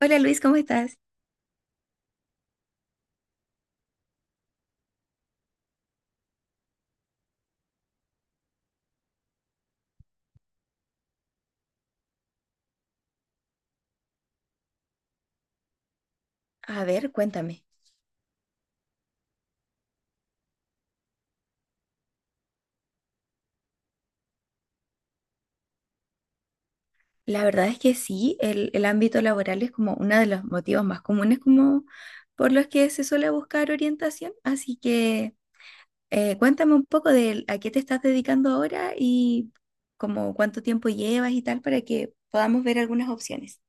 Hola Luis, ¿cómo estás? A ver, cuéntame. La verdad es que sí, el ámbito laboral es como uno de los motivos más comunes como por los que se suele buscar orientación, así que cuéntame un poco de a qué te estás dedicando ahora y como cuánto tiempo llevas y tal para que podamos ver algunas opciones.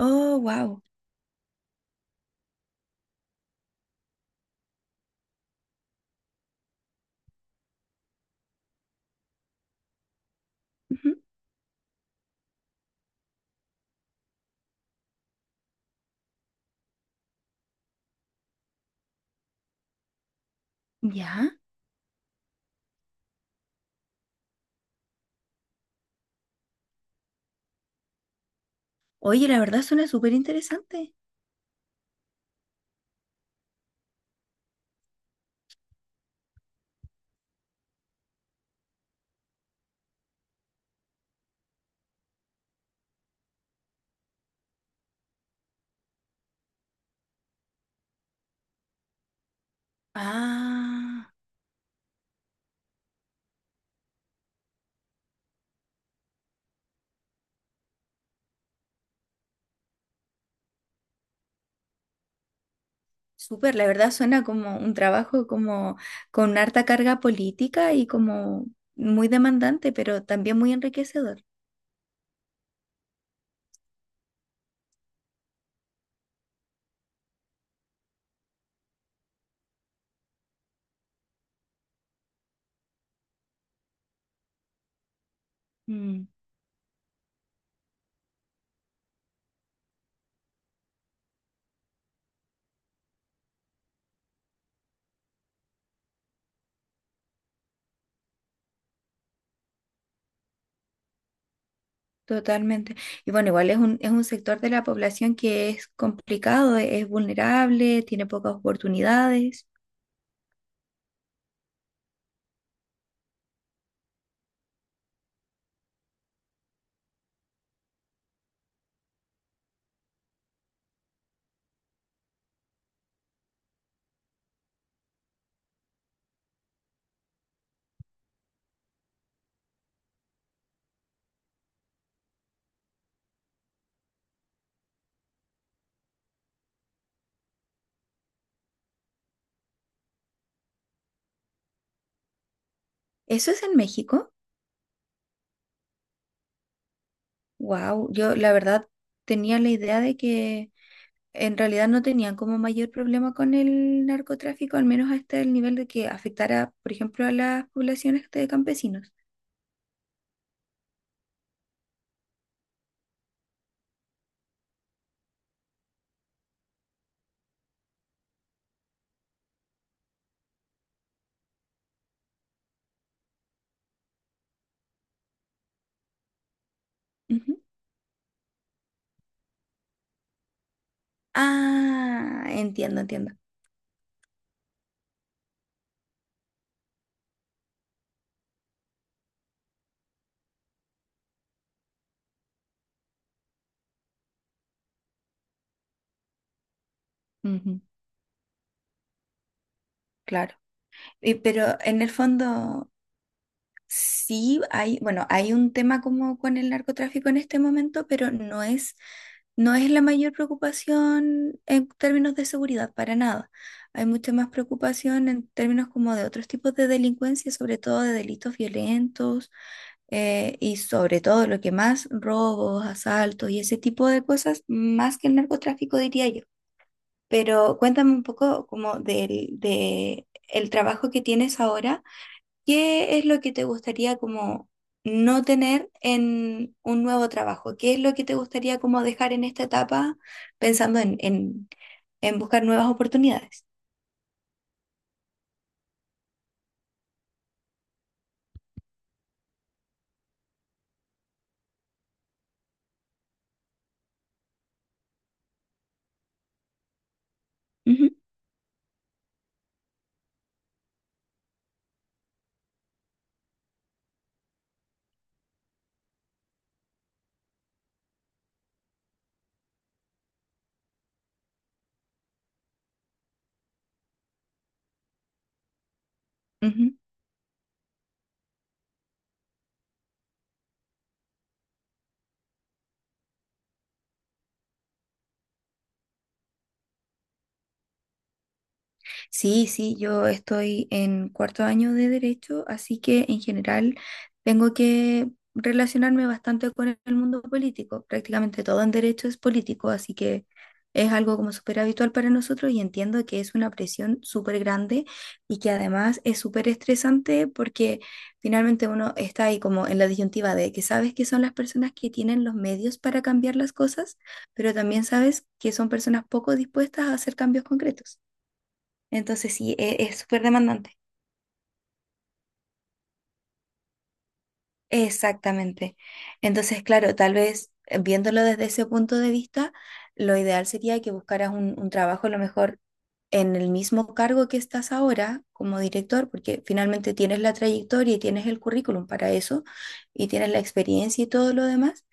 Oh, wow. Ya. Oye, la verdad suena súper interesante. Ah. Súper, la verdad suena como un trabajo como con harta carga política y como muy demandante, pero también muy enriquecedor. Mm, totalmente. Y bueno, igual es un sector de la población que es complicado, es vulnerable, tiene pocas oportunidades. ¿Eso es en México? Wow, yo la verdad tenía la idea de que en realidad no tenían como mayor problema con el narcotráfico, al menos hasta el nivel de que afectara, por ejemplo, a las poblaciones de campesinos. Ujú. Ah, entiendo, entiendo. Ujú. Claro. Pero en el fondo sí hay, bueno, hay un tema como con el narcotráfico en este momento, pero no es la mayor preocupación en términos de seguridad, para nada. Hay mucha más preocupación en términos como de otros tipos de delincuencia, sobre todo de delitos violentos, y sobre todo lo que más, robos, asaltos y ese tipo de cosas, más que el narcotráfico, diría yo. Pero cuéntame un poco como del de el trabajo que tienes ahora. ¿Qué es lo que te gustaría como no tener en un nuevo trabajo? ¿Qué es lo que te gustaría como dejar en esta etapa pensando en buscar nuevas oportunidades? Ujú. Sí, sí, yo estoy en 4º año de derecho, así que en general tengo que relacionarme bastante con el mundo político. Prácticamente todo en derecho es político, así que es algo como súper habitual para nosotros y entiendo que es una presión súper grande y que además es súper estresante porque finalmente uno está ahí como en la disyuntiva de que sabes que son las personas que tienen los medios para cambiar las cosas, pero también sabes que son personas poco dispuestas a hacer cambios concretos. Entonces sí, es súper demandante. Exactamente. Entonces, claro, tal vez viéndolo desde ese punto de vista, lo ideal sería que buscaras un trabajo a lo mejor en el mismo cargo que estás ahora como director, porque finalmente tienes la trayectoria y tienes el currículum para eso, y tienes la experiencia y todo lo demás,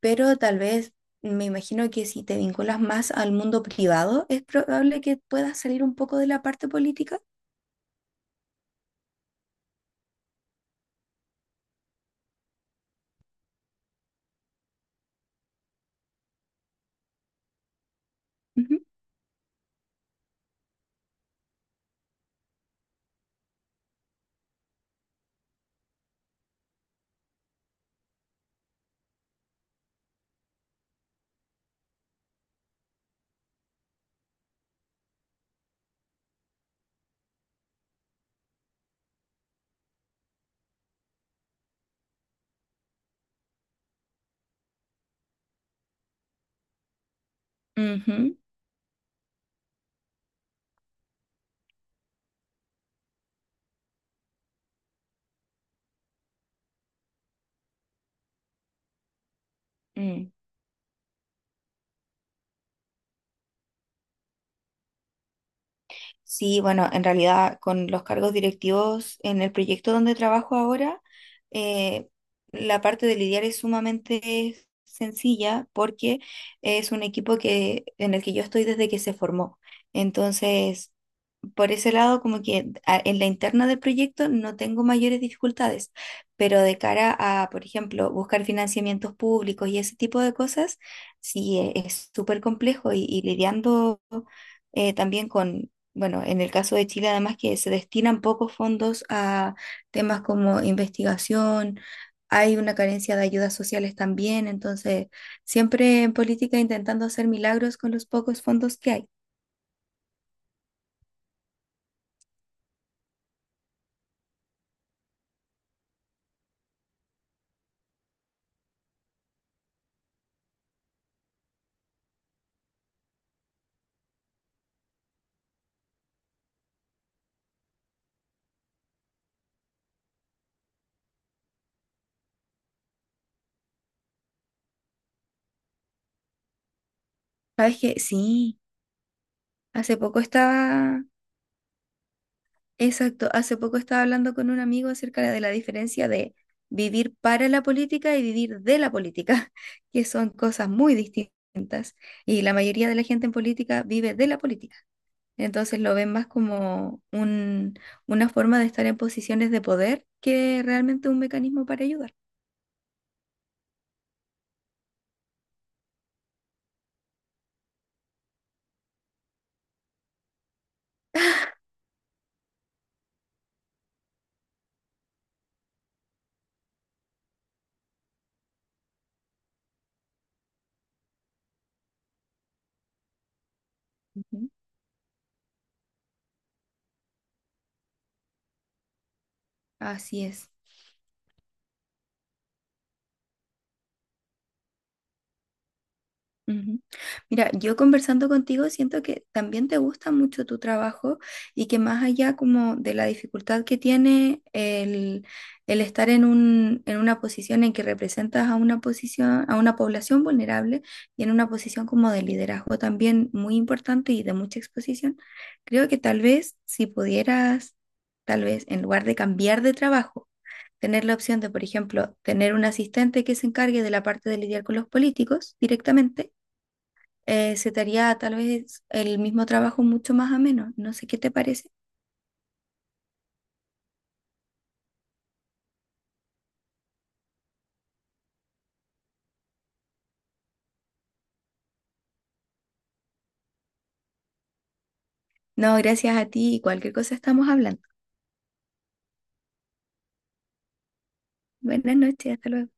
pero tal vez me imagino que si te vinculas más al mundo privado, es probable que puedas salir un poco de la parte política. Ujú. Ujú. Mm. Sí, bueno, en realidad con los cargos directivos en el proyecto donde trabajo ahora, eh, la parte de lidiar es sumamente sencilla porque es un equipo que, en el que yo estoy desde que se formó. Entonces, por ese lado, como que en la interna del proyecto no tengo mayores dificultades, pero de cara a, por ejemplo, buscar financiamientos públicos y ese tipo de cosas, sí es súper complejo y lidiando también con, bueno, en el caso de Chile además que se destinan pocos fondos a temas como investigación. Hay una carencia de ayudas sociales también, entonces siempre en política intentando hacer milagros con los pocos fondos que hay. ¿Sabes qué? Sí. Hace poco estaba, exacto, hace poco estaba hablando con un amigo acerca de la diferencia de vivir para la política y vivir de la política, que son cosas muy distintas. Y la mayoría de la gente en política vive de la política. Entonces lo ven más como una forma de estar en posiciones de poder que realmente un mecanismo para ayudar. Ujú. Así es. Ujú. Mira, yo conversando contigo siento que también te gusta mucho tu trabajo y que más allá como de la dificultad que tiene el estar en un, en una posición en que representas a una posición, a una población vulnerable y en una posición como de liderazgo también muy importante y de mucha exposición, creo que tal vez si pudieras, tal vez en lugar de cambiar de trabajo, tener la opción de, por ejemplo, tener un asistente que se encargue de la parte de lidiar con los políticos directamente, se te haría tal vez el mismo trabajo mucho más ameno. No sé qué te parece. No, gracias a ti y cualquier cosa estamos hablando. Buenas noches, hasta luego.